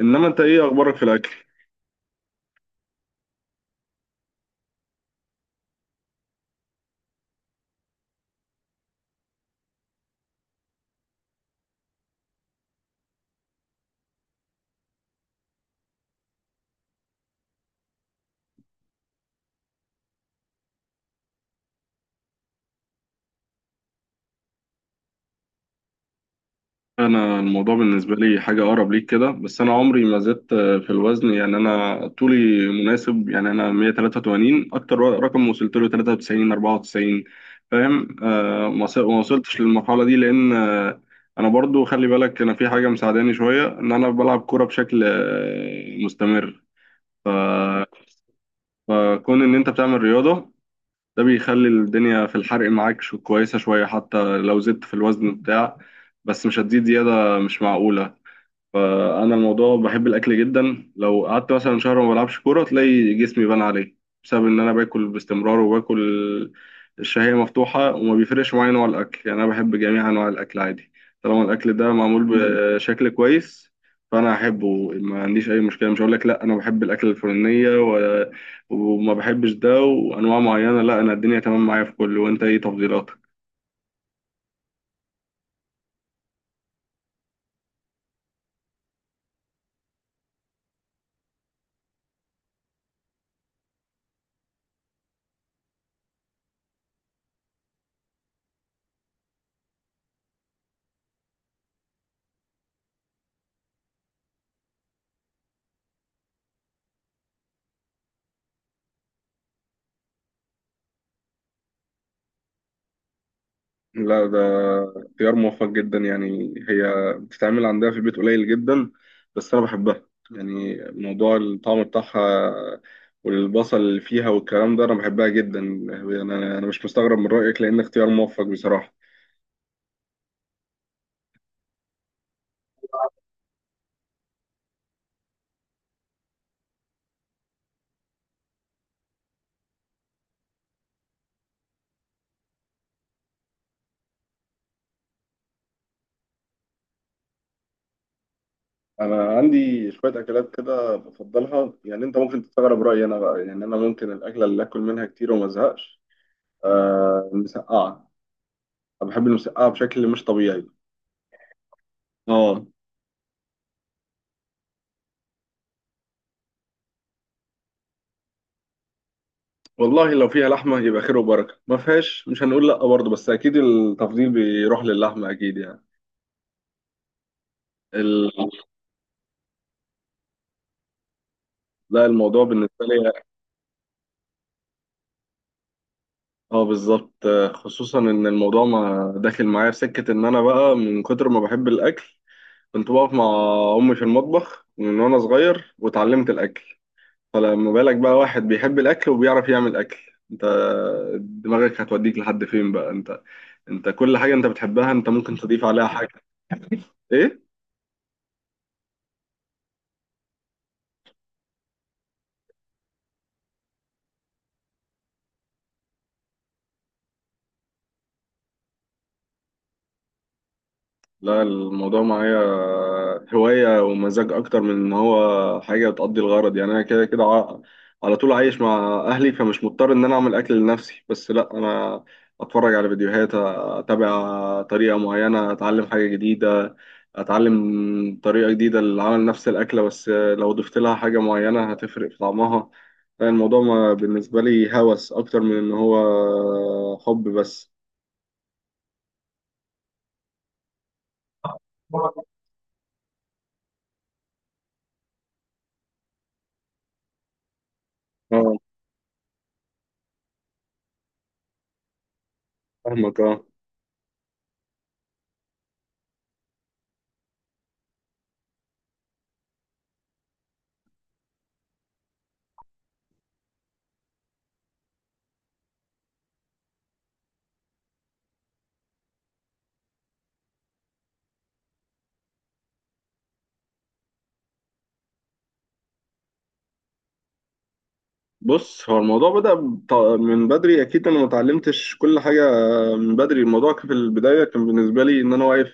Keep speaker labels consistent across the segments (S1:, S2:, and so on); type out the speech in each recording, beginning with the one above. S1: انما انت ايه اخبارك في الاكل؟ انا الموضوع بالنسبه لي حاجه اقرب ليك كده، بس انا عمري ما زدت في الوزن. يعني انا طولي مناسب، يعني انا 183. اكتر رقم وصلت له 93، 94. فاهم؟ ما وصلتش للمرحله دي لان انا برضو، خلي بالك، انا في حاجه مساعداني شويه ان انا بلعب كوره بشكل مستمر. ف- فكون ان انت بتعمل رياضه، ده بيخلي الدنيا في الحرق معاك شو كويسة شوية. حتى لو زدت في الوزن بتاع، بس مش هتزيد زيادة مش معقولة. فانا الموضوع بحب الاكل جدا. لو قعدت مثلا شهر ما بلعبش كوره تلاقي جسمي بان عليه، بسبب ان انا باكل باستمرار وباكل. الشهيه مفتوحه، وما بيفرقش معايا نوع الاكل. يعني انا بحب جميع انواع الاكل عادي، طالما الاكل ده معمول بشكل كويس فانا احبه. ما عنديش اي مشكله، مش هقول لك لا انا بحب الاكل الفلانيه وما بحبش ده وانواع معينه. لا، انا الدنيا تمام معايا في كله. وانت ايه تفضيلاتك؟ لا، ده اختيار موفق جدا. يعني هي بتتعمل عندها في البيت قليل جدا، بس انا بحبها. يعني موضوع الطعم بتاعها والبصل اللي فيها والكلام ده انا بحبها جدا. انا مش مستغرب من رأيك، لان اختيار موفق بصراحة. انا عندي شوية اكلات كده بفضلها. يعني انت ممكن تستغرب رأيي انا بقى، يعني انا ممكن الاكلة اللي اكل منها كتير وما ازهقش، آه، المسقعة. انا بحب المسقعة بشكل مش طبيعي. اه، والله لو فيها لحمة يبقى خير وبركة، ما فيهاش مش هنقول لأ برضه، بس أكيد التفضيل بيروح للحمة أكيد. يعني ال... لا، الموضوع بالنسبة لي اه، بالظبط. خصوصا إن الموضوع ما داخل معايا في سكة، إن أنا بقى من كتر ما بحب الأكل كنت بقف مع أمي في المطبخ من وأنا صغير واتعلمت الأكل. فلما بالك بقى واحد بيحب الأكل وبيعرف يعمل أكل، أنت دماغك هتوديك لحد فين بقى. أنت أنت كل حاجة أنت بتحبها أنت ممكن تضيف عليها حاجة. إيه؟ لا، الموضوع معايا هواية ومزاج أكتر من إن هو حاجة بتقضي الغرض. يعني أنا كده كده على طول عايش مع أهلي، فمش مضطر إن أنا أعمل أكل لنفسي. بس لأ، أنا أتفرج على فيديوهات، أتابع طريقة معينة، أتعلم حاجة جديدة، أتعلم طريقة جديدة لعمل نفس الأكلة. بس لو ضفت لها حاجة معينة هتفرق في طعمها. الموضوع بالنسبة لي هوس أكتر من إن هو حب بس. أه. فاهمك، أه. بص، هو الموضوع بدأ من بدري. أكيد أنا ما اتعلمتش كل حاجة من بدري. الموضوع كان في البداية كان بالنسبة لي إن أنا واقف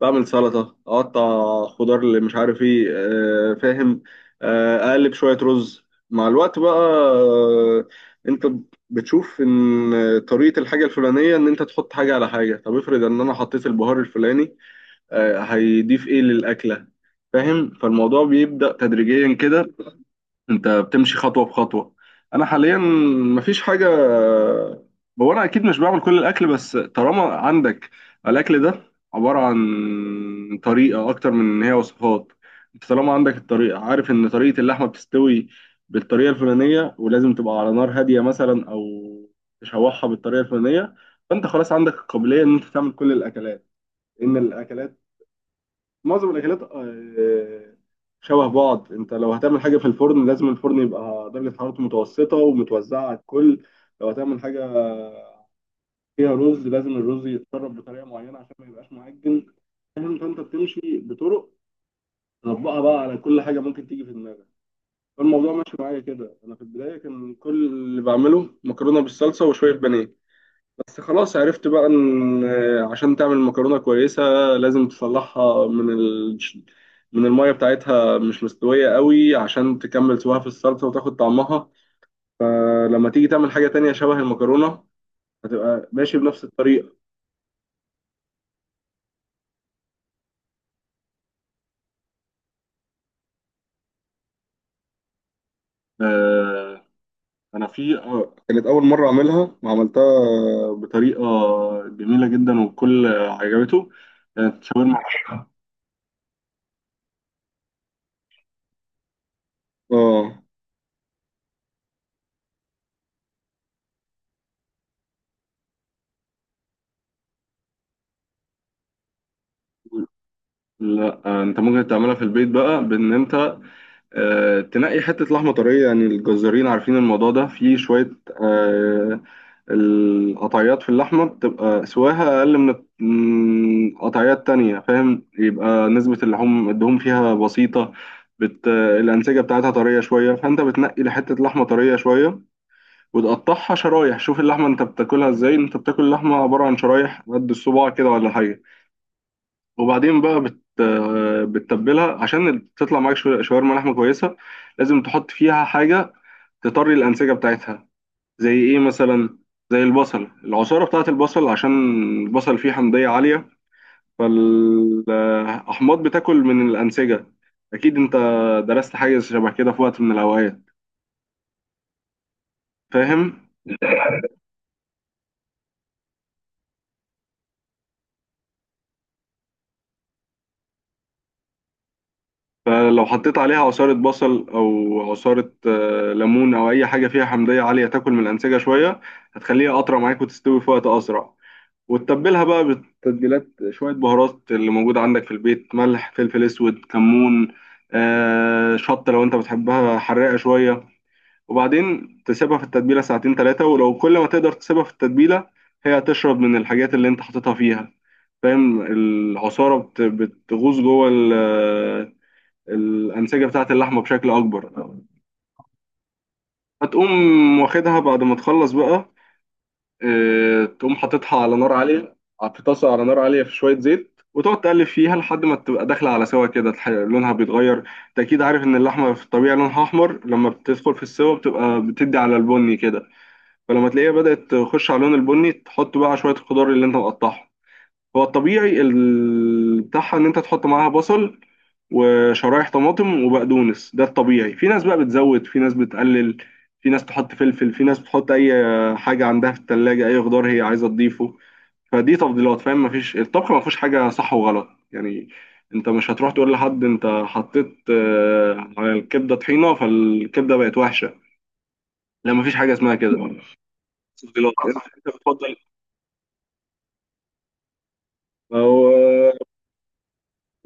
S1: بعمل سلطة، أقطع خضار، اللي مش عارف إيه، فاهم؟ أقلب شوية رز. مع الوقت بقى، أنت بتشوف إن طريقة الحاجة الفلانية إن أنت تحط حاجة على حاجة. طب افرض إن أنا حطيت البهار الفلاني، هيضيف إيه للأكلة؟ فاهم؟ فالموضوع بيبدأ تدريجيا كده. انت بتمشي خطوه بخطوه. انا حاليا مفيش حاجه، هو انا اكيد مش بعمل كل الاكل، بس طالما عندك الاكل ده عباره عن طريقه اكتر من ان هي وصفات، انت طالما عندك الطريقه، عارف ان طريقه اللحمه بتستوي بالطريقه الفلانيه ولازم تبقى على نار هاديه مثلا، او تشوحها بالطريقه الفلانيه، فانت خلاص عندك القابليه ان انت تعمل كل الاكلات. ان الاكلات، معظم الاكلات شبه بعض. انت لو هتعمل حاجه في الفرن لازم الفرن يبقى درجه حرارته متوسطه ومتوزعه على الكل. لو هتعمل حاجه فيها رز لازم الرز يتسرب بطريقه معينه عشان ما يبقاش معجن. فاهم؟ فانت بتمشي بطرق تطبقها بقى على كل حاجه ممكن تيجي في دماغك. فالموضوع ماشي معايا كده. انا في البدايه كان كل اللي بعمله مكرونه بالصلصه وشويه بانيه، بس خلاص عرفت بقى ان عشان تعمل مكرونه كويسه لازم تصلحها من من الميه بتاعتها مش مستويه قوي، عشان تكمل سواها في الصلصه وتاخد طعمها. فلما تيجي تعمل حاجه تانية شبه المكرونه هتبقى ماشي بنفس الطريقه. آه، انا في، كانت اول مره اعملها وعملتها بطريقه جميله جدا، والكل عجبته. كانت شاورما. اه. لا، انت ممكن تعملها في البيت بقى بان انت تنقي حتة لحمة طرية. يعني الجزارين عارفين الموضوع ده، في شوية، آه، القطعيات في اللحمة بتبقى سواها أقل من من قطعيات تانية، فاهم؟ يبقى نسبة اللحوم الدهون فيها بسيطة، الأنسجة بتاعتها طرية شوية. فأنت بتنقي لحتة لحمة طرية شوية وتقطعها شرايح. شوف اللحمة أنت بتاكلها إزاي. أنت بتاكل اللحمة عبارة عن شرايح قد الصباع كده ولا حاجة. وبعدين بقى بتتبلها عشان تطلع معاك شاورما لحمة كويسة. لازم تحط فيها حاجة تطري الأنسجة بتاعتها. زي إيه مثلا؟ زي البصل، العصارة بتاعت البصل، عشان البصل فيه حمضية عالية، فالأحماض بتاكل من الأنسجة. أكيد أنت درست حاجة شبه كده في وقت من الأوقات، فاهم؟ فلو حطيت عليها عصارة بصل أو عصارة ليمون أو أي حاجة فيها حمضية عالية تاكل من الأنسجة شوية، هتخليها أطرى معاك وتستوي في وقت أسرع. وتتبلها بقى بالتتبيلات، شوية بهارات اللي موجودة عندك في البيت، ملح، فلفل أسود، كمون، آه، شطة لو أنت بتحبها حراقة شوية. وبعدين تسيبها في التتبيلة ساعتين تلاتة، ولو كل ما تقدر تسيبها في التتبيلة هي هتشرب من الحاجات اللي أنت حاططها فيها، فاهم؟ العصارة بتغوص جوه الأنسجة بتاعة اللحمة بشكل أكبر. هتقوم واخدها بعد ما تخلص بقى، تقوم حاططها على نار عالية في طاسة، على نار عالية في شوية زيت، وتقعد تقلب فيها لحد ما تبقى داخلة على سوا كده، لونها بيتغير. انت اكيد عارف ان اللحمة في الطبيعي لونها احمر، لما بتدخل في السوا بتبقى بتدي على البني كده. فلما تلاقيها بدأت تخش على لون البني، تحط بقى شوية الخضار اللي انت مقطعها. هو الطبيعي بتاعها ان انت تحط معاها بصل وشرايح طماطم وبقدونس. ده الطبيعي. في ناس بقى بتزود، في ناس بتقلل، في ناس تحط فلفل، في ناس بتحط اي حاجه عندها في التلاجة، اي خضار هي عايزه تضيفه. فدي تفضيلات، فاهم؟ مفيش الطبخ ما فيهوش حاجه صح وغلط، يعني انت مش هتروح تقول لحد انت حطيت على الكبده طحينه فالكبده بقت وحشه. لا، مفيش حاجه اسمها كده، تفضيلات. انت بتفضل أو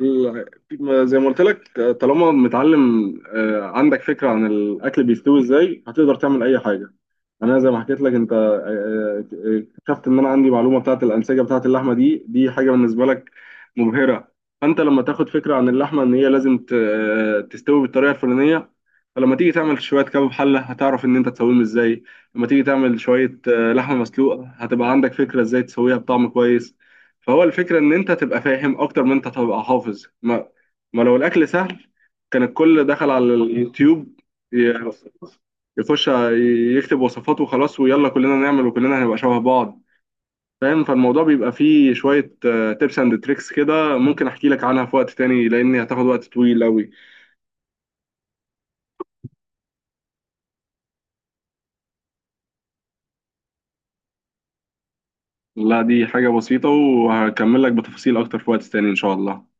S1: ال- زي ما قلت لك، طالما متعلم، عندك فكرة عن الأكل بيستوي إزاي، هتقدر تعمل أي حاجة. أنا زي ما حكيت لك أنت، اكتشفت إن أنا عندي معلومة بتاعة الأنسجة بتاعة اللحمة. دي حاجة بالنسبة لك مبهرة. فأنت لما تاخد فكرة عن اللحمة إن هي لازم تستوي بالطريقة الفلانية، فلما تيجي تعمل شوية كباب حلة هتعرف إن أنت تسويهم إزاي. لما تيجي تعمل شوية لحمة مسلوقة هتبقى عندك فكرة إزاي تسويها بطعم كويس. فهو الفكرة إن أنت تبقى فاهم أكتر من أنت تبقى حافظ. ما لو الأكل سهل كان الكل دخل على اليوتيوب، ي- يخش يكتب وصفات وخلاص، ويلا كلنا نعمل وكلنا هنبقى شبه بعض، فاهم؟ فالموضوع بيبقى فيه شوية تيبس اند تريكس كده، ممكن أحكي لك عنها في وقت تاني لأن هتاخد وقت طويل أوي. لا، دي حاجة بسيطة، وهكمل لك بتفاصيل أكتر في وقت تاني إن شاء الله.